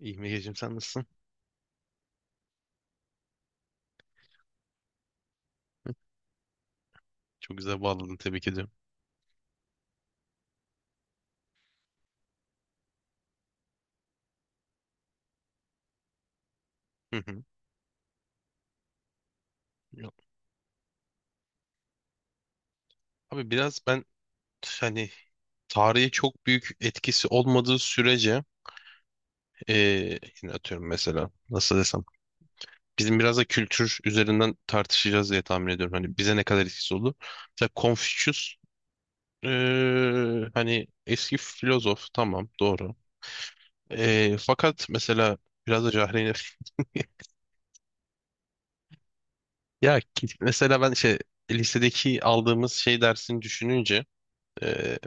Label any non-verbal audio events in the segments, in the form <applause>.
İyi Megacığım, sen nasılsın? <laughs> Hı, Çok güzel bağladın, tebrik ediyorum. Hı hı. Yok. Abi biraz ben hani tarihe çok büyük etkisi olmadığı sürece yine atıyorum, mesela nasıl desem, bizim biraz da kültür üzerinden tartışacağız diye tahmin ediyorum. Hani bize ne kadar etkisi oldu. Mesela Confucius, hani eski filozof, tamam, doğru. Fakat mesela biraz da cahilane <laughs> ya mesela ben şey, lisedeki aldığımız şey dersini düşününce, e,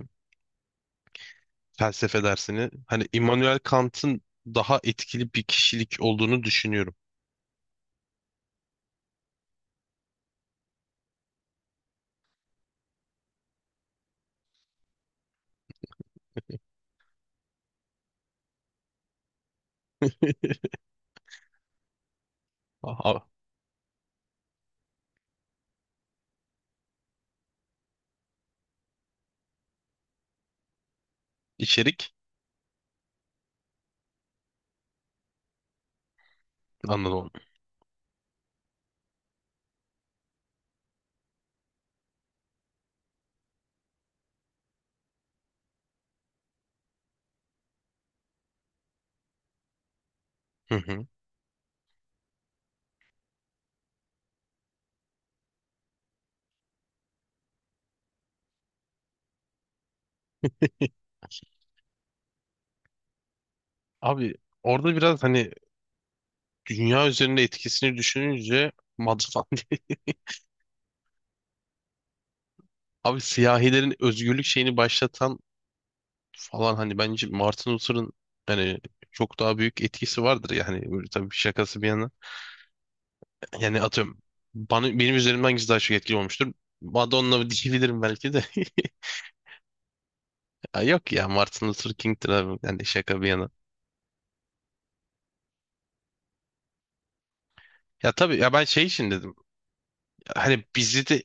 felsefe dersini. Hani Immanuel Kant'ın daha etkili bir kişilik olduğunu düşünüyorum. <laughs> Aha, içerik, anladım. Hı hı. Abi orada biraz hani dünya üzerinde etkisini düşününce Madfan. <laughs> Abi siyahilerin özgürlük şeyini başlatan falan, hani bence Martin Luther'ın hani çok daha büyük etkisi vardır yani, böyle tabii şakası bir yana. Yani atıyorum, bana, benim üzerimden hangisi daha çok etkili olmuştur? Madonna diyebilirim belki de. <laughs> Ya yok ya, Martin Luther King'tir abi. Yani şaka bir yana. Ya tabii ya, ben şey için dedim. Hani bizi de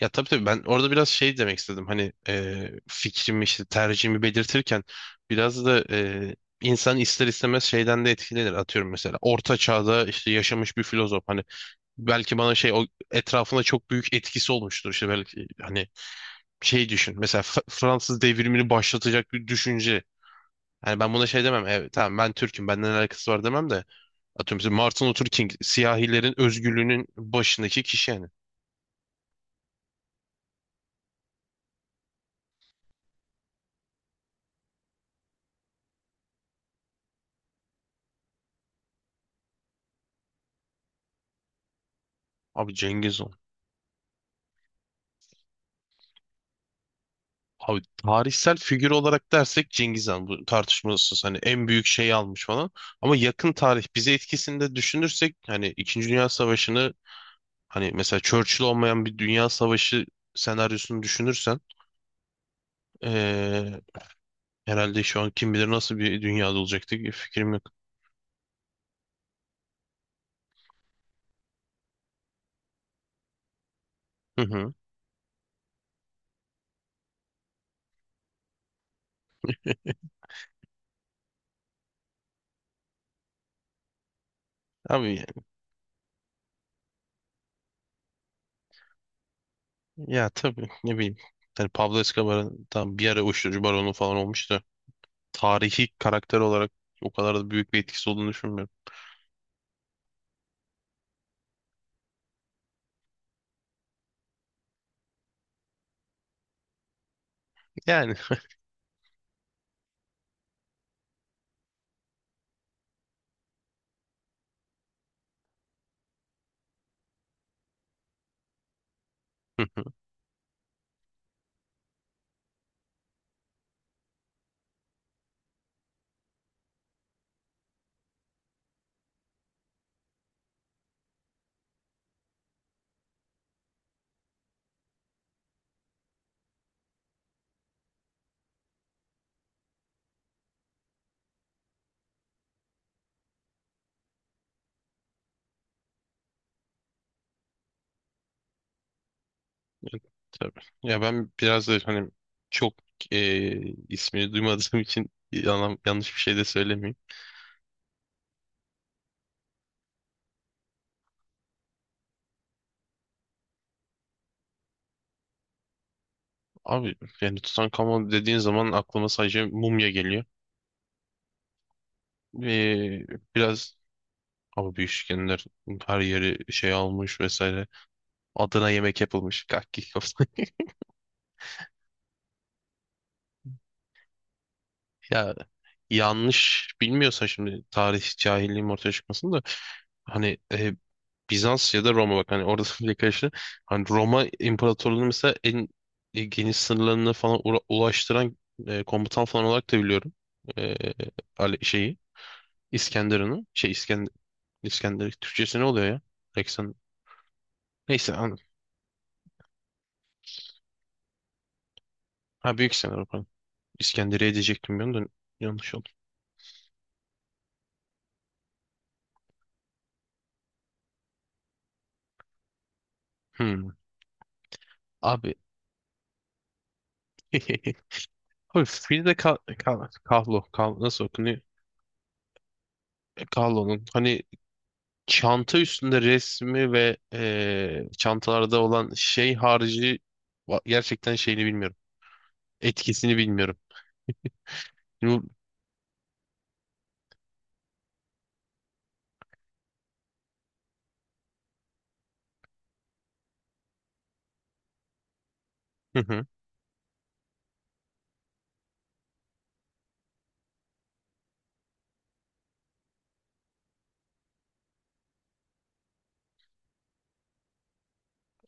ya tabii tabii, ben orada biraz şey demek istedim. Hani fikrimi, işte tercihimi belirtirken biraz da insan ister istemez şeyden de etkilenir. Atıyorum, mesela orta çağda işte yaşamış bir filozof hani belki bana şey, o etrafına çok büyük etkisi olmuştur. İşte belki hani şey düşün. Mesela Fransız devrimini başlatacak bir düşünce. Hani ben buna şey demem. Evet tamam, ben Türk'üm, benden alakası var demem de. Atıyorum mesela, Martin Luther King siyahilerin özgürlüğünün başındaki kişi yani. Abi Cengiz Han. Abi tarihsel figür olarak dersek Cengiz Han bu tartışmasız, hani en büyük şeyi almış falan. Ama yakın tarih bize etkisini de düşünürsek hani İkinci Dünya Savaşı'nı, hani mesela Churchill olmayan bir dünya savaşı senaryosunu düşünürsen, eee, herhalde şu an kim bilir nasıl bir dünyada olacaktık, bir fikrim yok. Hı hı. Abi ya, ya tabii, ne bileyim. Hani Pablo Escobar'ın tam bir ara uyuşturucu baronu falan olmuştu. Tarihi karakter olarak o kadar da büyük bir etkisi olduğunu düşünmüyorum. Yani <laughs> tabii. Ya ben biraz da hani çok e, ismini duymadığım için yanlış bir şey de söylemeyeyim. Abi yani Tutankamon dediğin zaman aklıma sadece mumya geliyor. Ve biraz, ama büyük işkenler her yeri şey almış vesaire. Adına yemek yapılmış. Kakki kafası. <laughs> Ya yanlış bilmiyorsa şimdi tarih cahilliğim ortaya çıkmasın da hani Bizans ya da Roma, bak hani orada <laughs> bir karıştı. Hani Roma İmparatorluğu'nun mesela en geniş sınırlarına falan ulaştıran komutan falan olarak da biliyorum. E, şeyi, İskenderun'u, şey, İskender Türkçesi ne oluyor ya? Alexander. Neyse, anladım. Ha, Büyük İskender, pardon. İskenderiye diyecektim ben de, yanlış oldu. Hmm. Abi <laughs> Abi Frida Kahlo, Kahlo nasıl okunuyor? E, Kahlo'nun hani çanta üstünde resmi ve çantalarda olan şey harici gerçekten şeyini bilmiyorum. Etkisini bilmiyorum. Şimdi bu-. Hı hı.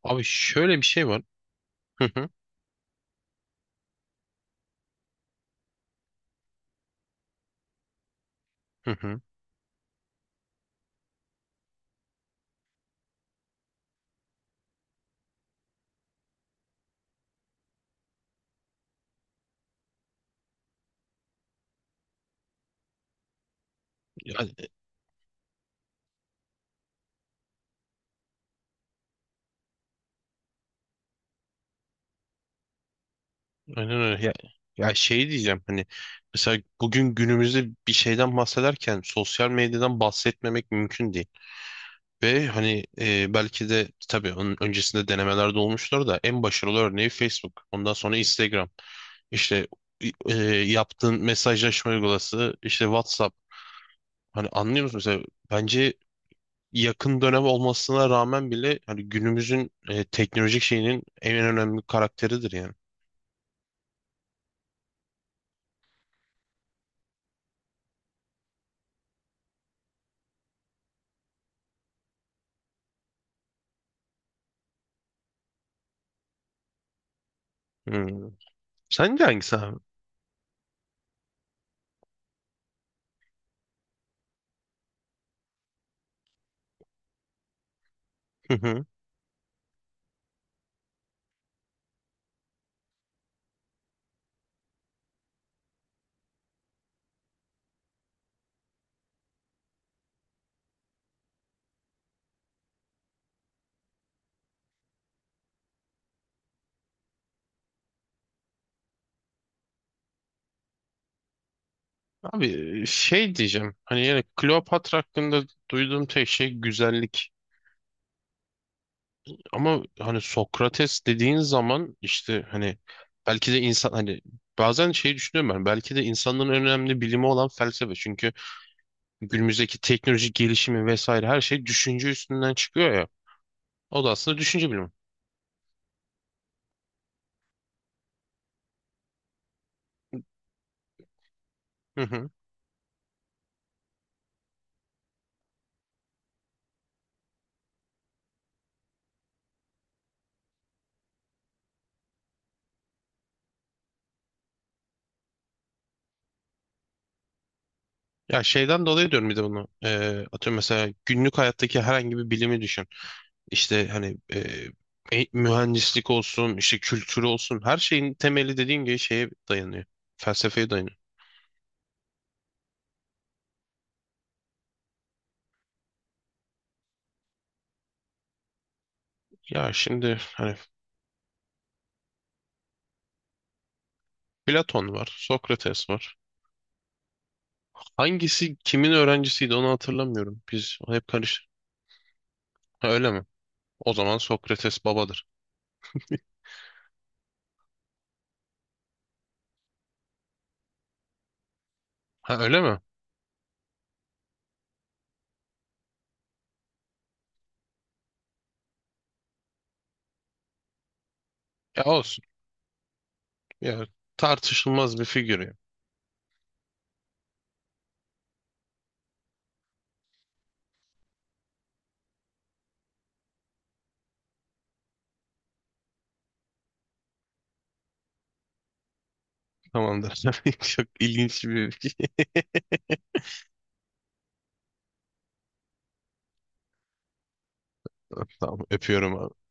Abi şöyle bir şey var. Hı hı. Hı hı. Ya, aynen öyle. Ya, ya şey diyeceğim, hani mesela bugün günümüzde bir şeyden bahsederken sosyal medyadan bahsetmemek mümkün değil. Ve hani belki de tabii onun öncesinde denemelerde olmuştur da, en başarılı örneği Facebook. Ondan sonra Instagram. İşte yaptığın mesajlaşma uygulaması, işte WhatsApp. Hani anlıyor musun? Mesela bence yakın dönem olmasına rağmen bile hani günümüzün teknolojik şeyinin en önemli karakteridir yani. Hmm. Sence hangisi abi? <laughs> Abi şey diyeceğim, hani yani Kleopatra hakkında duyduğum tek şey güzellik, ama hani Sokrates dediğin zaman işte hani belki de insan hani bazen şey düşünüyorum, ben belki de insanların en önemli bilimi olan felsefe, çünkü günümüzdeki teknolojik gelişimi vesaire her şey düşünce üstünden çıkıyor ya, o da aslında düşünce bilimi. Hı hı. Ya şeyden dolayı diyorum bir de bunu. Atıyorum mesela günlük hayattaki herhangi bir bilimi düşün. İşte hani mühendislik olsun, işte kültürü olsun, her şeyin temeli dediğin gibi şeye dayanıyor. Felsefeye dayanıyor. Ya şimdi hani Platon var, Sokrates var. Hangisi kimin öğrencisiydi onu hatırlamıyorum. Biz hep karış. Ha, öyle mi? O zaman Sokrates babadır. Ha, öyle mi? Ya olsun. Ya, tartışılmaz bir figür ya. Tamamdır. <laughs> Çok ilginç bir <laughs> Tamam, öpüyorum abi.